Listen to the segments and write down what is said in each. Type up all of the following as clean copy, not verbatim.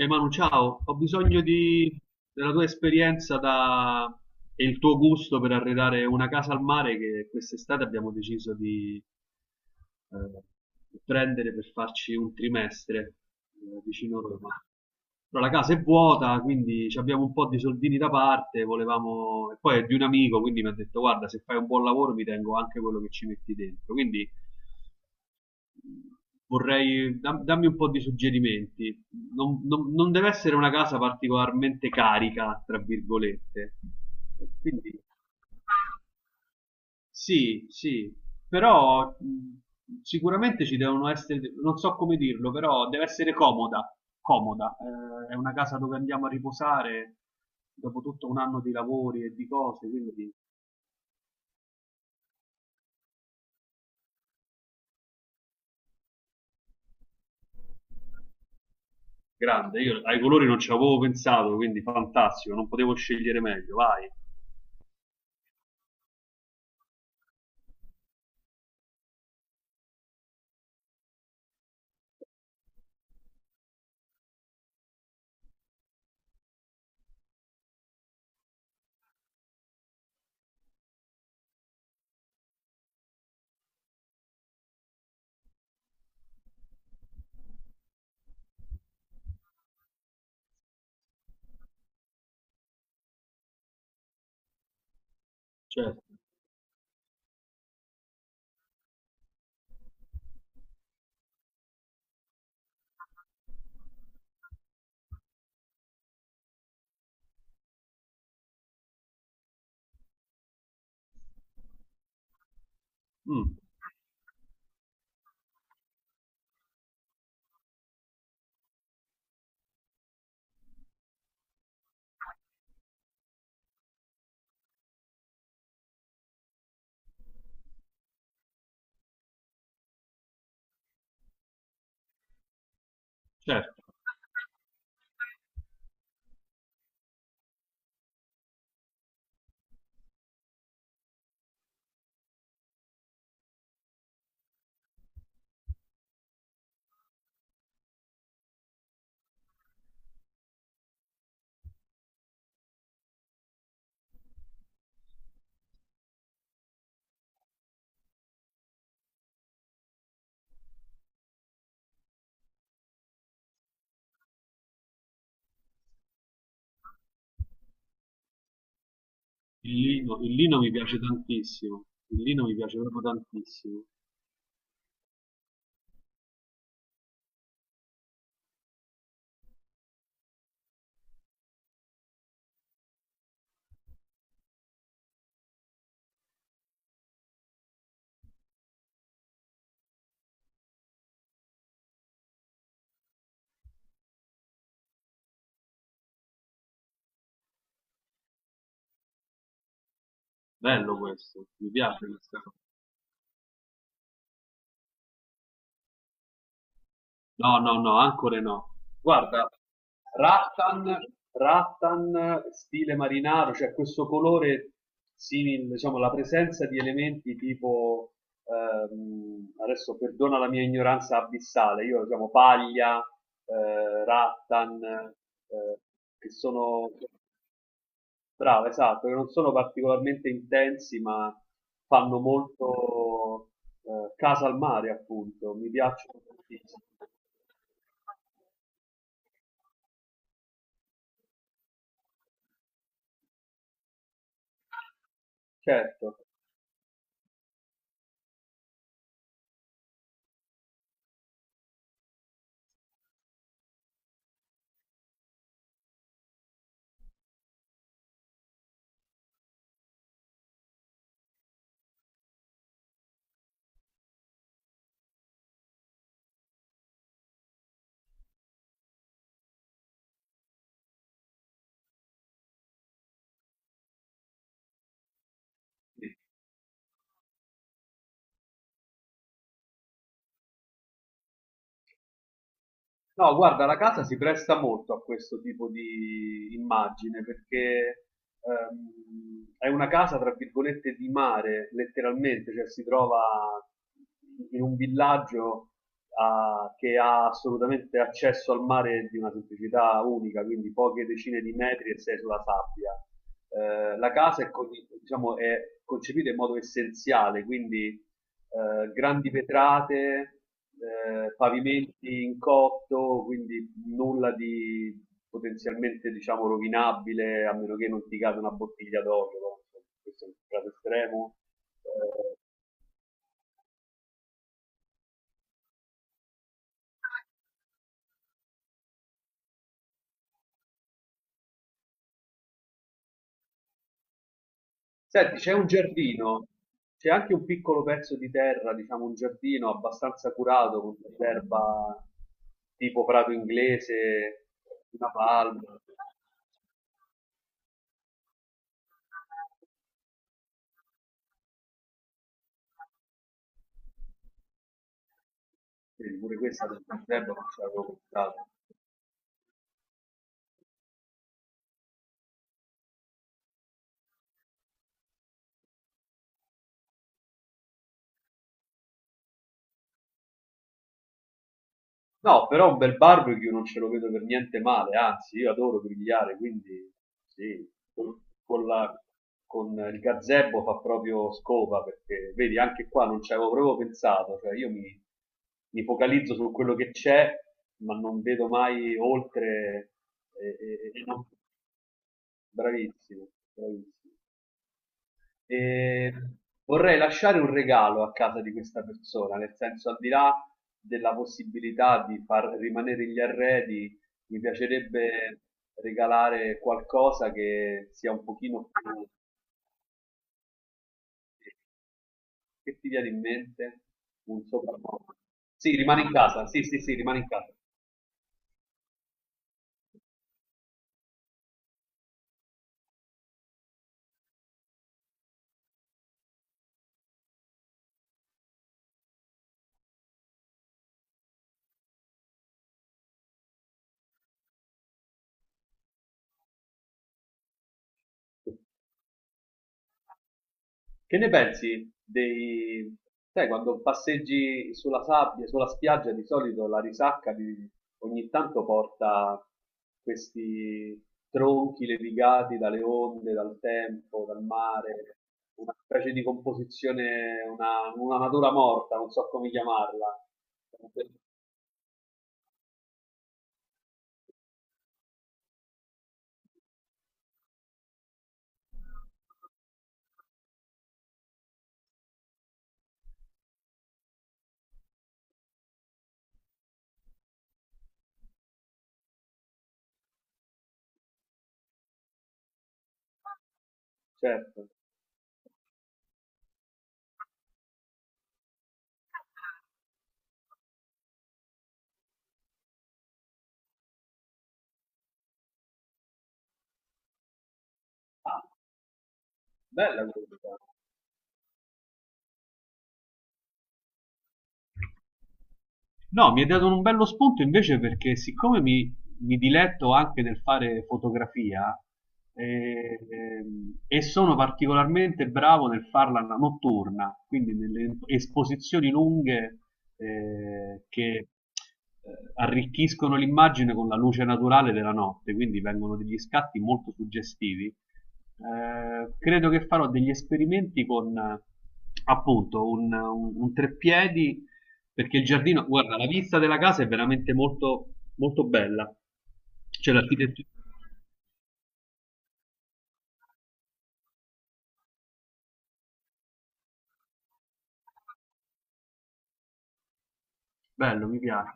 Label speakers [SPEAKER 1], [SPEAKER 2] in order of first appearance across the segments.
[SPEAKER 1] Ehi Manu, ciao, ho bisogno di- della tua esperienza da- e il tuo gusto per arredare una casa al mare che quest'estate abbiamo deciso di eh, prendere per farci un trimestre vicino a Roma. Però la casa è vuota, quindi ci abbiamo un po' di soldini da parte, volevamo... e poi è di un amico, quindi mi ha detto guarda, se fai un buon lavoro mi tengo anche quello che ci metti dentro. Quindi vorrei dammi un po' di suggerimenti. Non deve essere una casa particolarmente carica, tra virgolette. Quindi sì, sì, però sicuramente ci devono essere, non so come dirlo, però deve essere comoda, comoda. È una casa dove andiamo a riposare dopo tutto un anno di lavori e di cose, quindi grande. Io ai colori non ci avevo pensato, quindi fantastico, non potevo scegliere meglio, vai. Certo. Mm. Certo, il lino mi piace tantissimo, il lino mi piace proprio tantissimo. Bello questo, mi piace questa cosa. No, no, no, ancora no. Guarda, rattan, rattan, stile marinaro, cioè questo colore simile, diciamo, la presenza di elementi tipo, adesso perdona la mia ignoranza abissale, io diciamo paglia, rattan, che sono... Brava, esatto, che non sono particolarmente intensi, ma fanno molto casa al mare, appunto. Mi piacciono tantissimo. Certo. Sì. No, guarda, la casa si presta molto a questo tipo di immagine perché è una casa, tra virgolette, di mare, letteralmente, cioè si trova in un villaggio che ha assolutamente accesso al mare di una semplicità unica, quindi poche decine di metri e sei sulla sabbia. La casa è, diciamo, è concepita in modo essenziale, quindi grandi vetrate, pavimenti in cotto, quindi nulla di potenzialmente, diciamo, rovinabile, a meno che non ti cade una bottiglia d'olio, no? Questo è un caso estremo. Eh, Senti, c'è un giardino, c'è anche un piccolo pezzo di terra, diciamo un giardino abbastanza curato con dell'erba tipo prato inglese, una palma. Vedi, pure questa del l'erba non ce l'avevo comprata. No, però un bel barbecue non ce lo vedo per niente male, anzi, io adoro grigliare, quindi sì, col- con, la- con il gazebo fa proprio scopa, perché vedi, anche qua non ci avevo proprio pensato, cioè mi focalizzo su quello che c'è, ma non vedo mai oltre, e, e- e non- bravissimo, bravissimo. E vorrei lasciare un regalo a casa di questa persona, nel senso, al di là della possibilità di far rimanere gli arredi, mi piacerebbe regalare qualcosa che sia un pochino più... Che ti viene in mente? Un soprannome? Sì, rimane in casa, sì, sì, sì, rimane in casa. Che ne pensi dei... Sai, quando passeggi sulla sabbia, sulla spiaggia, di solito la risacca di- ogni tanto porta questi tronchi levigati dalle onde, dal tempo, dal mare, una specie di composizione, una natura morta, non so come chiamarla. Certo. Ah, bella questa. No, mi hai dato un bello spunto invece perché mi diletto anche nel fare fotografia, eh, e sono particolarmente bravo nel farla notturna, quindi nelle esposizioni lunghe che arricchiscono l'immagine con la luce naturale della notte, quindi vengono degli scatti molto suggestivi. Credo che farò degli esperimenti con appunto un treppiedi perché il giardino, guarda, la vista della casa è veramente molto, molto bella. Cioè l'architettura, bello, mi piace.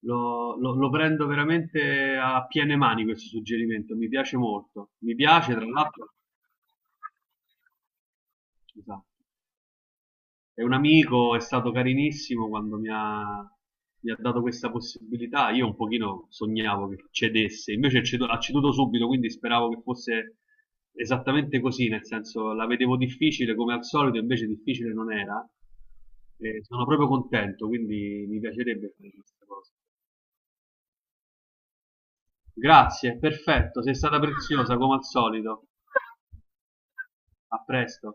[SPEAKER 1] Lo prendo veramente a piene mani questo suggerimento, mi piace molto. Mi piace, tra l'altro. Esatto. È un amico, è stato carinissimo quando mi ha dato questa possibilità. Io un pochino sognavo che cedesse, invece ha ceduto subito, quindi speravo che fosse esattamente così, nel senso la vedevo difficile come al solito, invece difficile non era. E sono proprio contento, quindi mi piacerebbe fare questa cosa. Grazie, perfetto, sei stata preziosa come al solito. A presto.